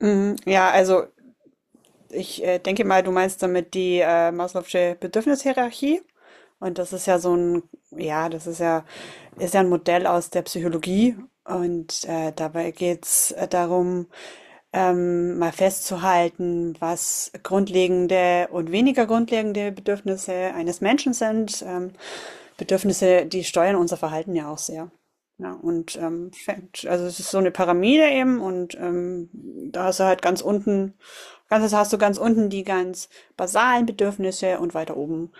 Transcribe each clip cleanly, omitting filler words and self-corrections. Mhm. Ja, also ich denke mal, du meinst damit die Maslow'sche Bedürfnishierarchie. Und das ist ja so ein, ja, das ist ja ein Modell aus der Psychologie. Und dabei geht's darum, mal festzuhalten, was grundlegende und weniger grundlegende Bedürfnisse eines Menschen sind. Bedürfnisse, die steuern unser Verhalten ja auch sehr. Ja, und also es ist so eine Pyramide eben und da hast du halt ganz unten, ganz, hast du ganz unten die ganz basalen Bedürfnisse und weiter oben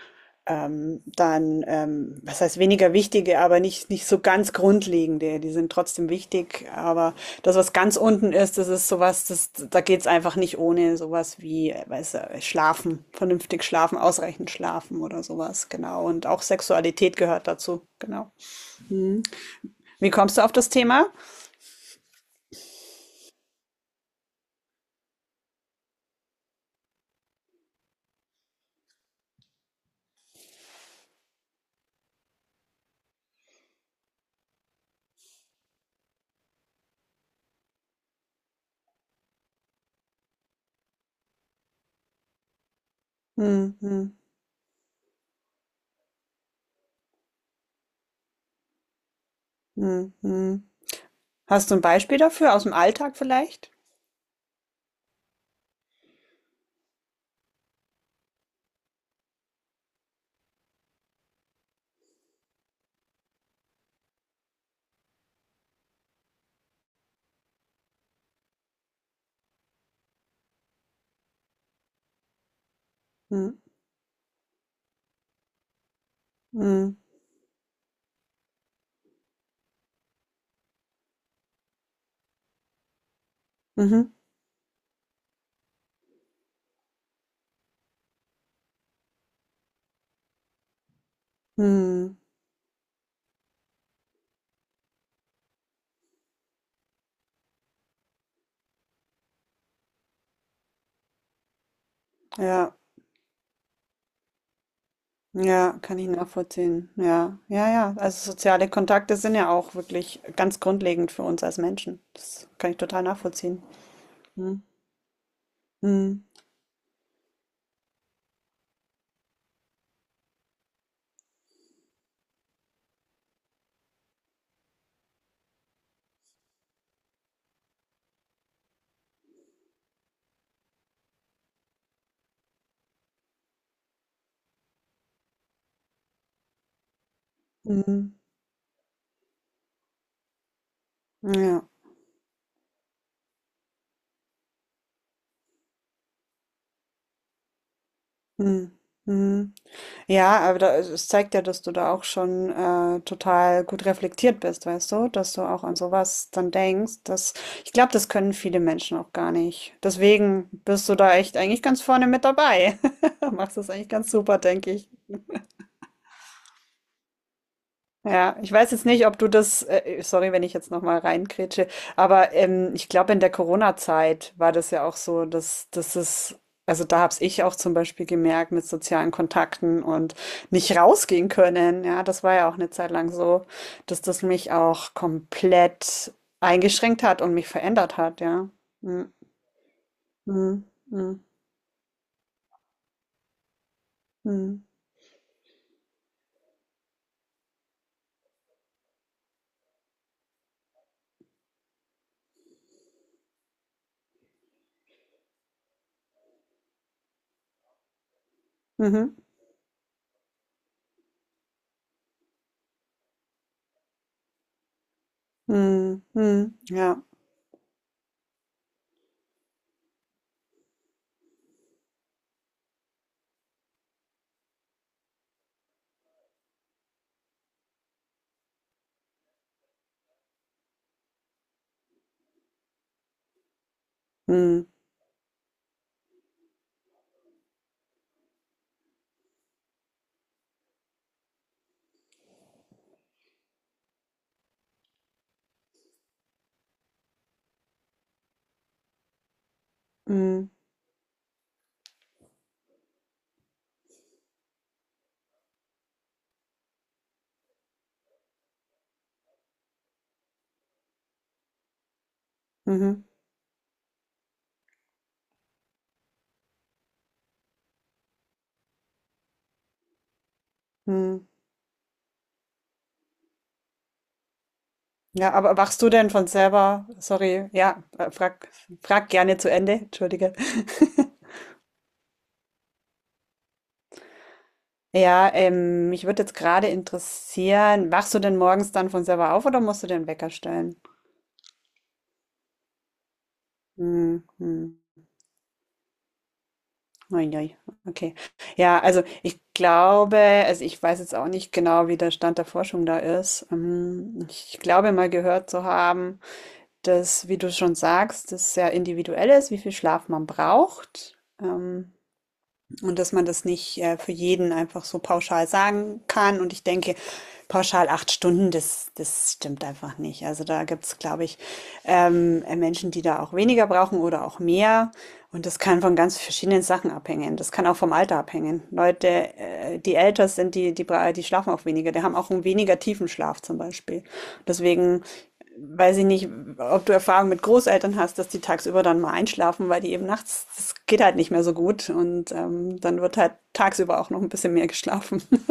dann, was heißt weniger wichtige, aber nicht, nicht so ganz grundlegende. Die sind trotzdem wichtig, aber das, was ganz unten ist, das ist sowas, das, da geht's einfach nicht ohne sowas wie, Schlafen, vernünftig schlafen, ausreichend schlafen oder sowas, genau. Und auch Sexualität gehört dazu, genau. Mhm. Wie kommst du auf das Thema? Mhm. Mhm. Mhm. Mhm. Hast du ein Beispiel dafür aus dem Alltag vielleicht? Mhm. Mhm. Mhm. Mhm. Ja. Ja, kann ich nachvollziehen. Ja, ja, ja. Also soziale Kontakte sind ja auch wirklich ganz grundlegend für uns als Menschen. Das kann ich total nachvollziehen. Hm. Hm. Hm. Ja. Hm. Hm. Ja, aber da, es zeigt ja, dass du da auch schon total gut reflektiert bist, weißt du, dass du auch an sowas dann denkst. Das, ich glaube, das können viele Menschen auch gar nicht. Deswegen bist du da echt eigentlich ganz vorne mit dabei. Machst das eigentlich ganz super, denke ich. Ja, ich weiß jetzt nicht, ob du das, sorry, wenn ich jetzt nochmal reingrätsche, aber ich glaube, in der Corona-Zeit war das ja auch so, dass es, also da hab's ich auch zum Beispiel gemerkt mit sozialen Kontakten und nicht rausgehen können. Ja, das war ja auch eine Zeit lang so, dass das mich auch komplett eingeschränkt hat und mich verändert hat, ja. Mhm. Mhm. Mhm. Mhm. Mhm. Mhm. Ja. Mhm. Mhm. Mhm. Mhm. Ja, aber wachst du denn von selber sorry, ja, frag gerne zu Ende, entschuldige. Ja, mich würde jetzt gerade interessieren, wachst du denn morgens dann von selber auf oder musst du den Wecker stellen? Mhm, mhm. Ui, okay. Ja, also, ich glaube also, ich weiß jetzt auch nicht genau, wie der Stand der Forschung da ist. Ich glaube mal gehört zu haben, dass, wie du schon sagst, das sehr individuell ist, wie viel Schlaf man braucht. Und dass man das nicht für jeden einfach so pauschal sagen kann. Und ich denke, pauschal 8 Stunden, das stimmt einfach nicht. Also da gibt's, glaube ich, Menschen, die da auch weniger brauchen oder auch mehr. Und das kann von ganz verschiedenen Sachen abhängen. Das kann auch vom Alter abhängen. Leute, die älter sind, die schlafen auch weniger. Die haben auch einen weniger tiefen Schlaf zum Beispiel. Deswegen weiß ich nicht, ob du Erfahrung mit Großeltern hast, dass die tagsüber dann mal einschlafen, weil die eben nachts, das geht halt nicht mehr so gut. Und dann wird halt tagsüber auch noch ein bisschen mehr geschlafen.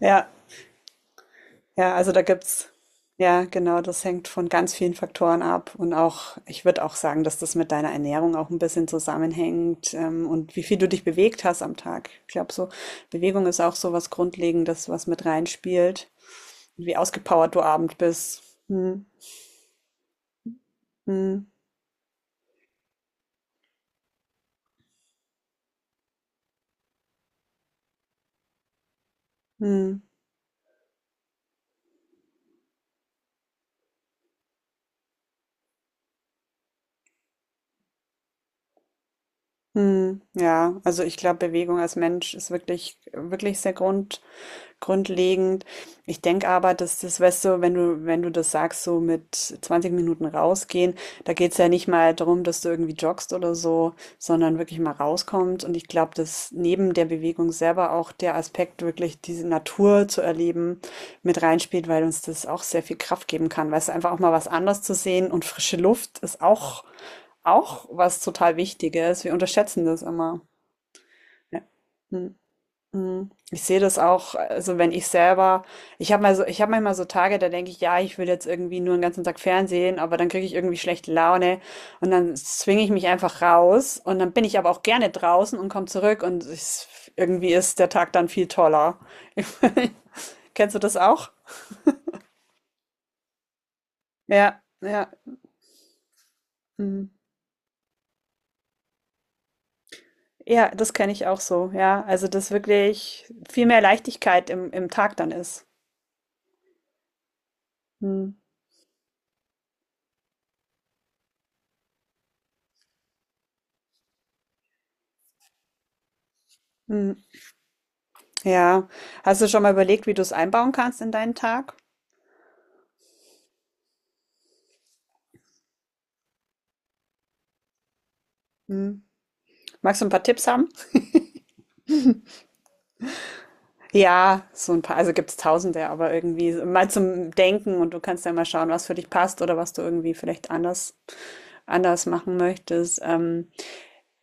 Ja, ja, also da gibt's, ja, genau, das hängt von ganz vielen Faktoren ab. Und auch, ich würde auch sagen, dass das mit deiner Ernährung auch ein bisschen zusammenhängt, und wie viel du dich bewegt hast am Tag. Ich glaube, so Bewegung ist auch so was Grundlegendes, was mit reinspielt, wie ausgepowert du abend bist. Hm, hm, hm. Hm, ja, also ich glaube, Bewegung als Mensch ist wirklich, wirklich sehr grundlegend. Ich denke aber, dass das, weißt du, wenn du das sagst, so mit 20 Minuten rausgehen, da geht es ja nicht mal darum, dass du irgendwie joggst oder so, sondern wirklich mal rauskommst. Und ich glaube, dass neben der Bewegung selber auch der Aspekt, wirklich diese Natur zu erleben, mit reinspielt, weil uns das auch sehr viel Kraft geben kann. Weißt du, einfach auch mal was anderes zu sehen und frische Luft ist auch, auch was total Wichtiges. Wir unterschätzen das immer. Ja. Hm. Mhm. Ich sehe das auch, also wenn ich selber, ich habe mal so, ich habe manchmal so Tage, da denke ich, ja, ich will jetzt irgendwie nur den ganzen Tag Fernsehen, aber dann kriege ich irgendwie schlechte Laune und dann zwinge ich mich einfach raus und dann bin ich aber auch gerne draußen und komme zurück und ich, irgendwie ist der Tag dann viel toller. Kennst du das auch? Ja, ja. Mhm. Ja, das kenne ich auch so, ja. Also, dass wirklich viel mehr Leichtigkeit im Tag dann ist. Mhm. Ja. Hast du schon mal überlegt, wie du es einbauen kannst in deinen Tag? Hm. Magst du ein paar Tipps haben? Ja, so ein paar, also gibt es tausende, aber irgendwie so, mal zum Denken und du kannst ja mal schauen, was für dich passt oder was du irgendwie vielleicht anders, anders machen möchtest. Ähm,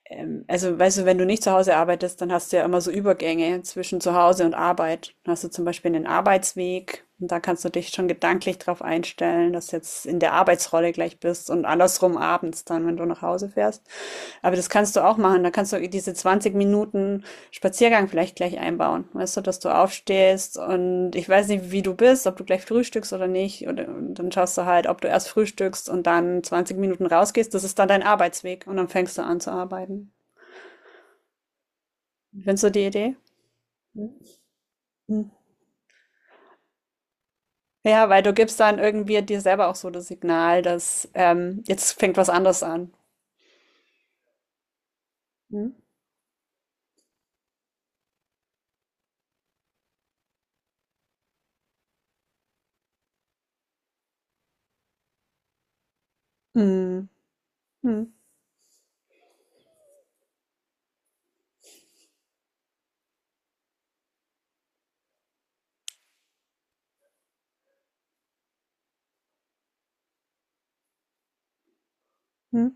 ähm, Also, weißt du, wenn du nicht zu Hause arbeitest, dann hast du ja immer so Übergänge zwischen zu Hause und Arbeit. Dann hast du zum Beispiel einen Arbeitsweg und da kannst du dich schon gedanklich drauf einstellen, dass du jetzt in der Arbeitsrolle gleich bist und andersrum abends dann, wenn du nach Hause fährst. Aber das kannst du auch machen. Da kannst du diese 20 Minuten Spaziergang vielleicht gleich einbauen. Weißt du, dass du aufstehst und ich weiß nicht, wie du bist, ob du gleich frühstückst oder nicht. Oder, und dann schaust du halt, ob du erst frühstückst und dann 20 Minuten rausgehst. Das ist dann dein Arbeitsweg und dann fängst du an zu arbeiten. Findest du die Idee? Mhm. Ja, weil du gibst dann irgendwie dir selber auch so das Signal, dass jetzt fängt was anderes an. Mhm. Mhm. Mhm.